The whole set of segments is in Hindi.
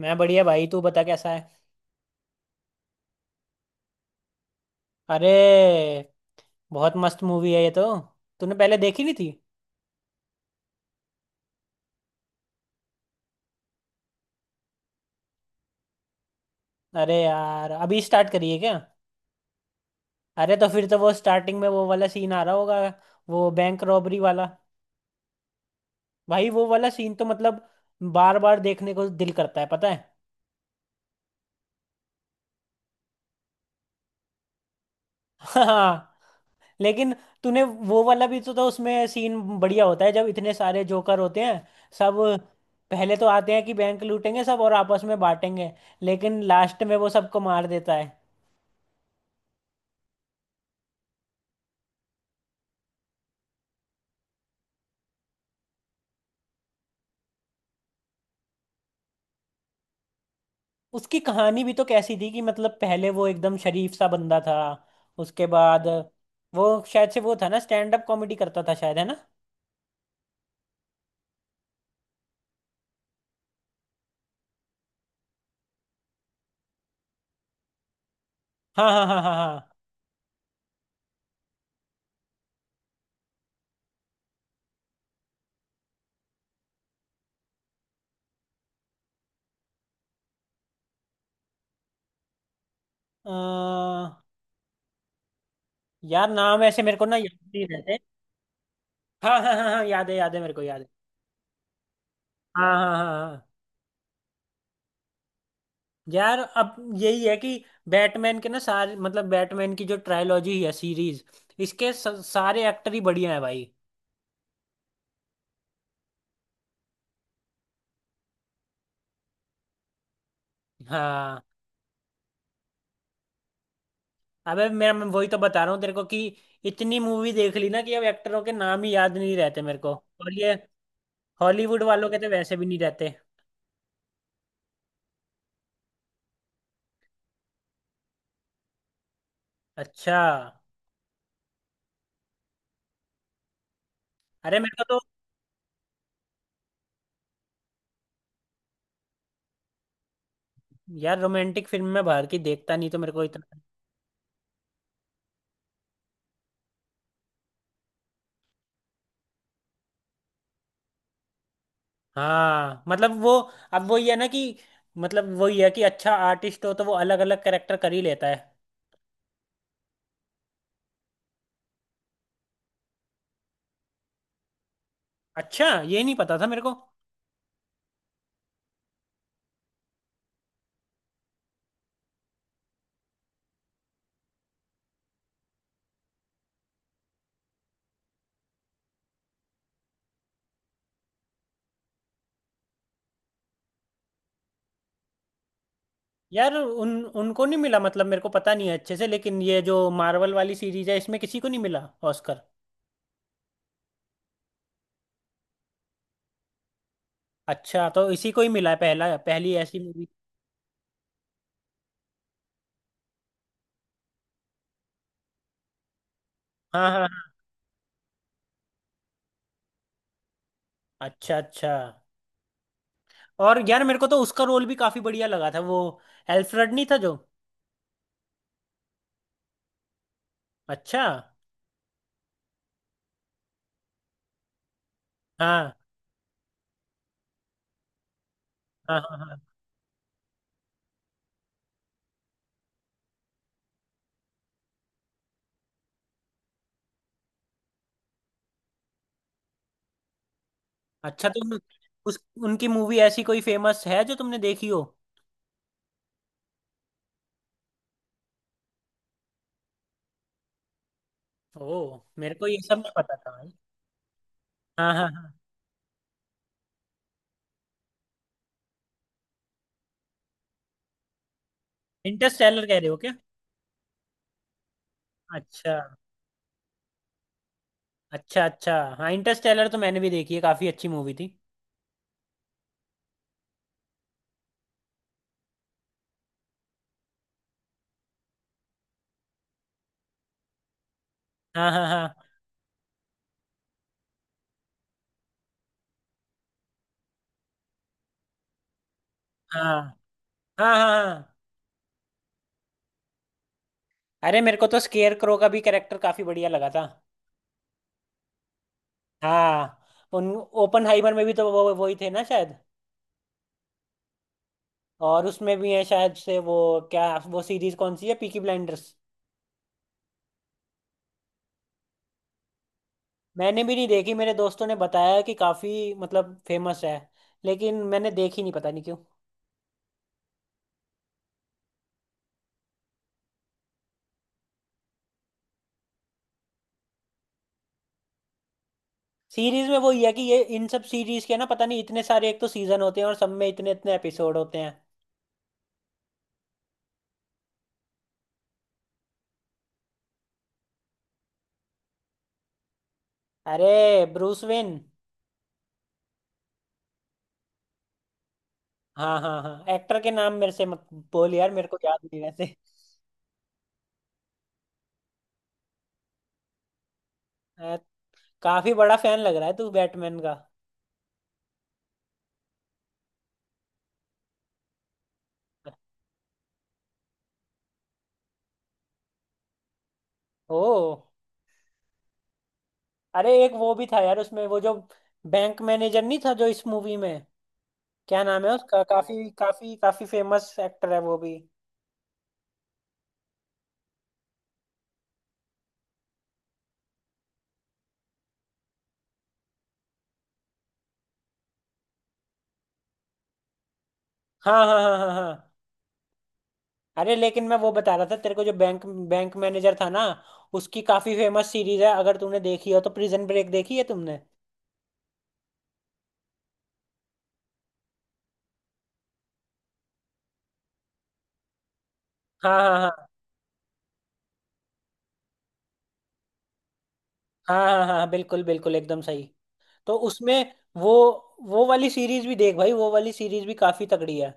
मैं बढ़िया भाई। तू बता कैसा है। अरे बहुत मस्त मूवी है ये तो। तूने पहले देखी नहीं थी। अरे यार अभी स्टार्ट करी है क्या। अरे तो फिर तो वो स्टार्टिंग में वो वाला सीन आ रहा होगा। वो बैंक रॉबरी वाला। भाई वो वाला सीन तो मतलब बार बार देखने को दिल करता है पता है। हाँ। लेकिन तूने वो वाला भी तो उसमें सीन बढ़िया होता है जब इतने सारे जोकर होते हैं सब। पहले तो आते हैं कि बैंक लूटेंगे सब और आपस में बांटेंगे। लेकिन लास्ट में वो सबको मार देता है। उसकी कहानी भी तो कैसी थी कि मतलब पहले वो एकदम शरीफ सा बंदा था। उसके बाद वो शायद से वो था ना स्टैंड अप कॉमेडी करता था शायद है ना। हाँ हाँ हाँ हाँ हाँ। अ, यार नाम ऐसे मेरे को ना याद नहीं रहते। हाँ हाँ हाँ हाँ याद है मेरे को याद है। हाँ हाँ हाँ हाँ हाँ। यार अब यही है कि बैटमैन के ना सारे मतलब बैटमैन की जो ट्रायोलॉजी है सीरीज। इसके सारे एक्टर ही बढ़िया है भाई। हाँ। अबे मेरा मैं वही तो बता रहा हूँ तेरे को कि इतनी मूवी देख ली ना कि अब एक्टरों के नाम ही याद नहीं रहते मेरे को। और ये हॉलीवुड वालों के तो वैसे भी नहीं रहते। अच्छा। अरे मेरे को तो यार रोमांटिक फिल्म में बाहर की देखता नहीं तो मेरे को इतना। हाँ मतलब वो अब वही है ना कि मतलब वही है कि अच्छा आर्टिस्ट हो तो वो अलग अलग कैरेक्टर कर ही लेता है। अच्छा ये नहीं पता था मेरे को। यार उन उनको नहीं मिला मतलब मेरे को पता नहीं है अच्छे से। लेकिन ये जो मार्वल वाली सीरीज है इसमें किसी को नहीं मिला ऑस्कर। अच्छा तो इसी को ही मिला है पहला पहली ऐसी मूवी। हाँ हाँ हाँ। अच्छा अच्छा। और यार मेरे को तो उसका रोल भी काफी बढ़िया लगा था। वो एल्फ्रेड नहीं था जो। अच्छा। हाँ हाँ हाँ हाँ। अच्छा तो उस उनकी मूवी ऐसी कोई फेमस है जो तुमने देखी हो। ओ मेरे को ये सब नहीं पता था भाई। हाँ हाँ हाँ। इंटरस्टेलर कह रहे हो क्या। अच्छा अच्छा। अच्छा हाँ इंटरस्टेलर तो मैंने भी देखी है काफी अच्छी मूवी थी। हाँ हाँ हाँ हाँ हाँ हाँ हाँ। अरे मेरे को तो स्केयर क्रो का भी कैरेक्टर काफी बढ़िया लगा था। हाँ। उन ओपन हाइमर में भी तो वो वही थे ना शायद। और उसमें भी है शायद से वो। क्या वो सीरीज कौन सी है पीकी ब्लाइंडर्स। मैंने भी नहीं देखी। मेरे दोस्तों ने बताया कि काफी मतलब फेमस है लेकिन मैंने देखी नहीं पता नहीं क्यों। सीरीज में वही है कि ये इन सब सीरीज के ना पता नहीं इतने सारे एक तो सीजन होते हैं और सब में इतने इतने एपिसोड होते हैं। अरे ब्रूस वेन। हाँ हाँ हाँ एक्टर के नाम मेरे से मत बोल यार मेरे को याद नहीं वैसे। अ, काफी बड़ा फैन लग रहा है तू बैटमैन का। ओ अरे एक वो भी था यार उसमें वो जो बैंक मैनेजर नहीं था जो इस मूवी में। क्या नाम है उसका काफी काफी काफी फेमस एक्टर है वो भी। हाँ हाँ हाँ हाँ हाँ। अरे लेकिन मैं वो बता रहा था तेरे को जो बैंक बैंक मैनेजर था ना उसकी काफी फेमस सीरीज है। अगर तूने देखी हो तो प्रिजन ब्रेक देखी है तुमने। हाँ हाँ हाँ हाँ हाँ हाँ बिल्कुल बिल्कुल एकदम सही। तो उसमें वो वो वाली सीरीज भी देख भाई। वो वाली सीरीज भी काफी तगड़ी है।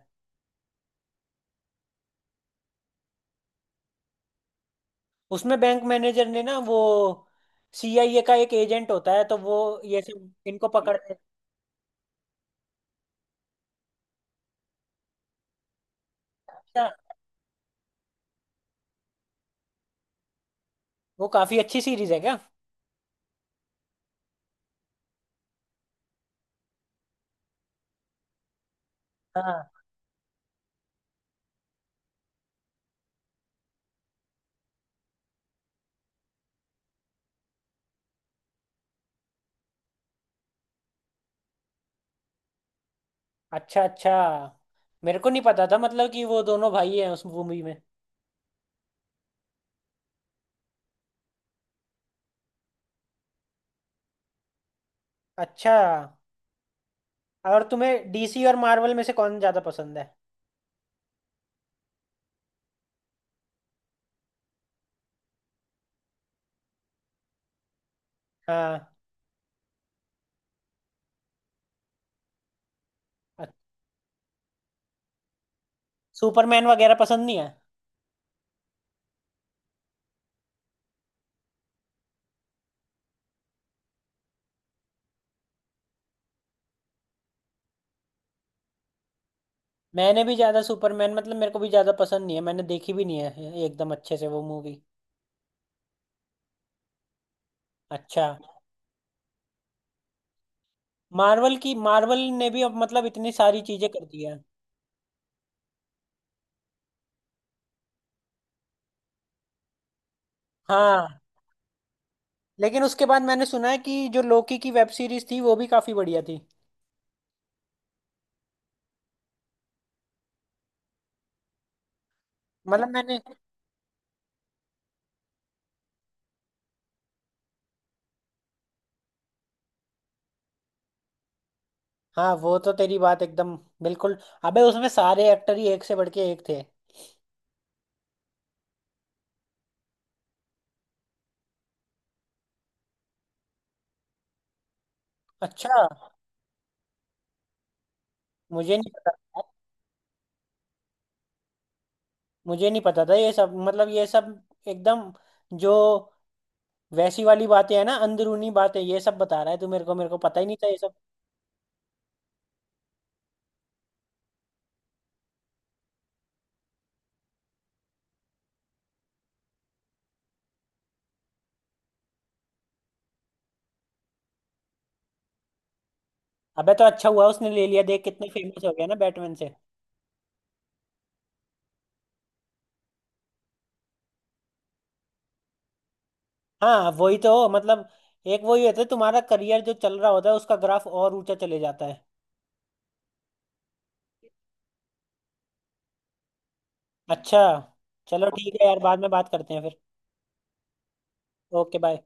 उसमें बैंक मैनेजर ने ना वो सीआईए का एक एजेंट होता है तो वो ये सब इनको पकड़ते हैं। अच्छा। वो काफी अच्छी सीरीज है क्या। हाँ अच्छा अच्छा। मेरे को नहीं पता था मतलब कि वो दोनों भाई हैं उस मूवी में। अच्छा। और तुम्हें डीसी और मार्वल में से कौन ज्यादा पसंद है। हाँ। अच्छा, सुपरमैन वगैरह पसंद नहीं है। मैंने भी ज्यादा सुपरमैन मतलब मेरे को भी ज्यादा पसंद नहीं है। मैंने देखी भी नहीं है एकदम अच्छे से वो मूवी। अच्छा। मार्वल ने भी अब मतलब इतनी सारी चीजें कर दी है। हाँ। लेकिन उसके बाद मैंने सुना है कि जो लोकी की वेब सीरीज थी वो भी काफी बढ़िया थी। मतलब मैंने। हाँ वो तो तेरी बात एकदम बिल्कुल। अबे उसमें सारे एक्टर ही एक से बढ़ के एक थे। अच्छा। मुझे नहीं पता था मुझे नहीं पता था ये सब। मतलब ये सब एकदम जो वैसी वाली बातें है ना अंदरूनी बातें ये सब बता रहा है तू मेरे को। मेरे को पता ही नहीं था ये सब। अबे तो अच्छा हुआ उसने ले लिया। देख कितने फेमस हो गया ना बैटमैन से। हाँ वही तो मतलब एक वही होता है तुम्हारा करियर जो चल रहा होता है उसका ग्राफ और ऊंचा चले जाता है। अच्छा। चलो ठीक है यार बाद में बात करते हैं फिर। Okay bye.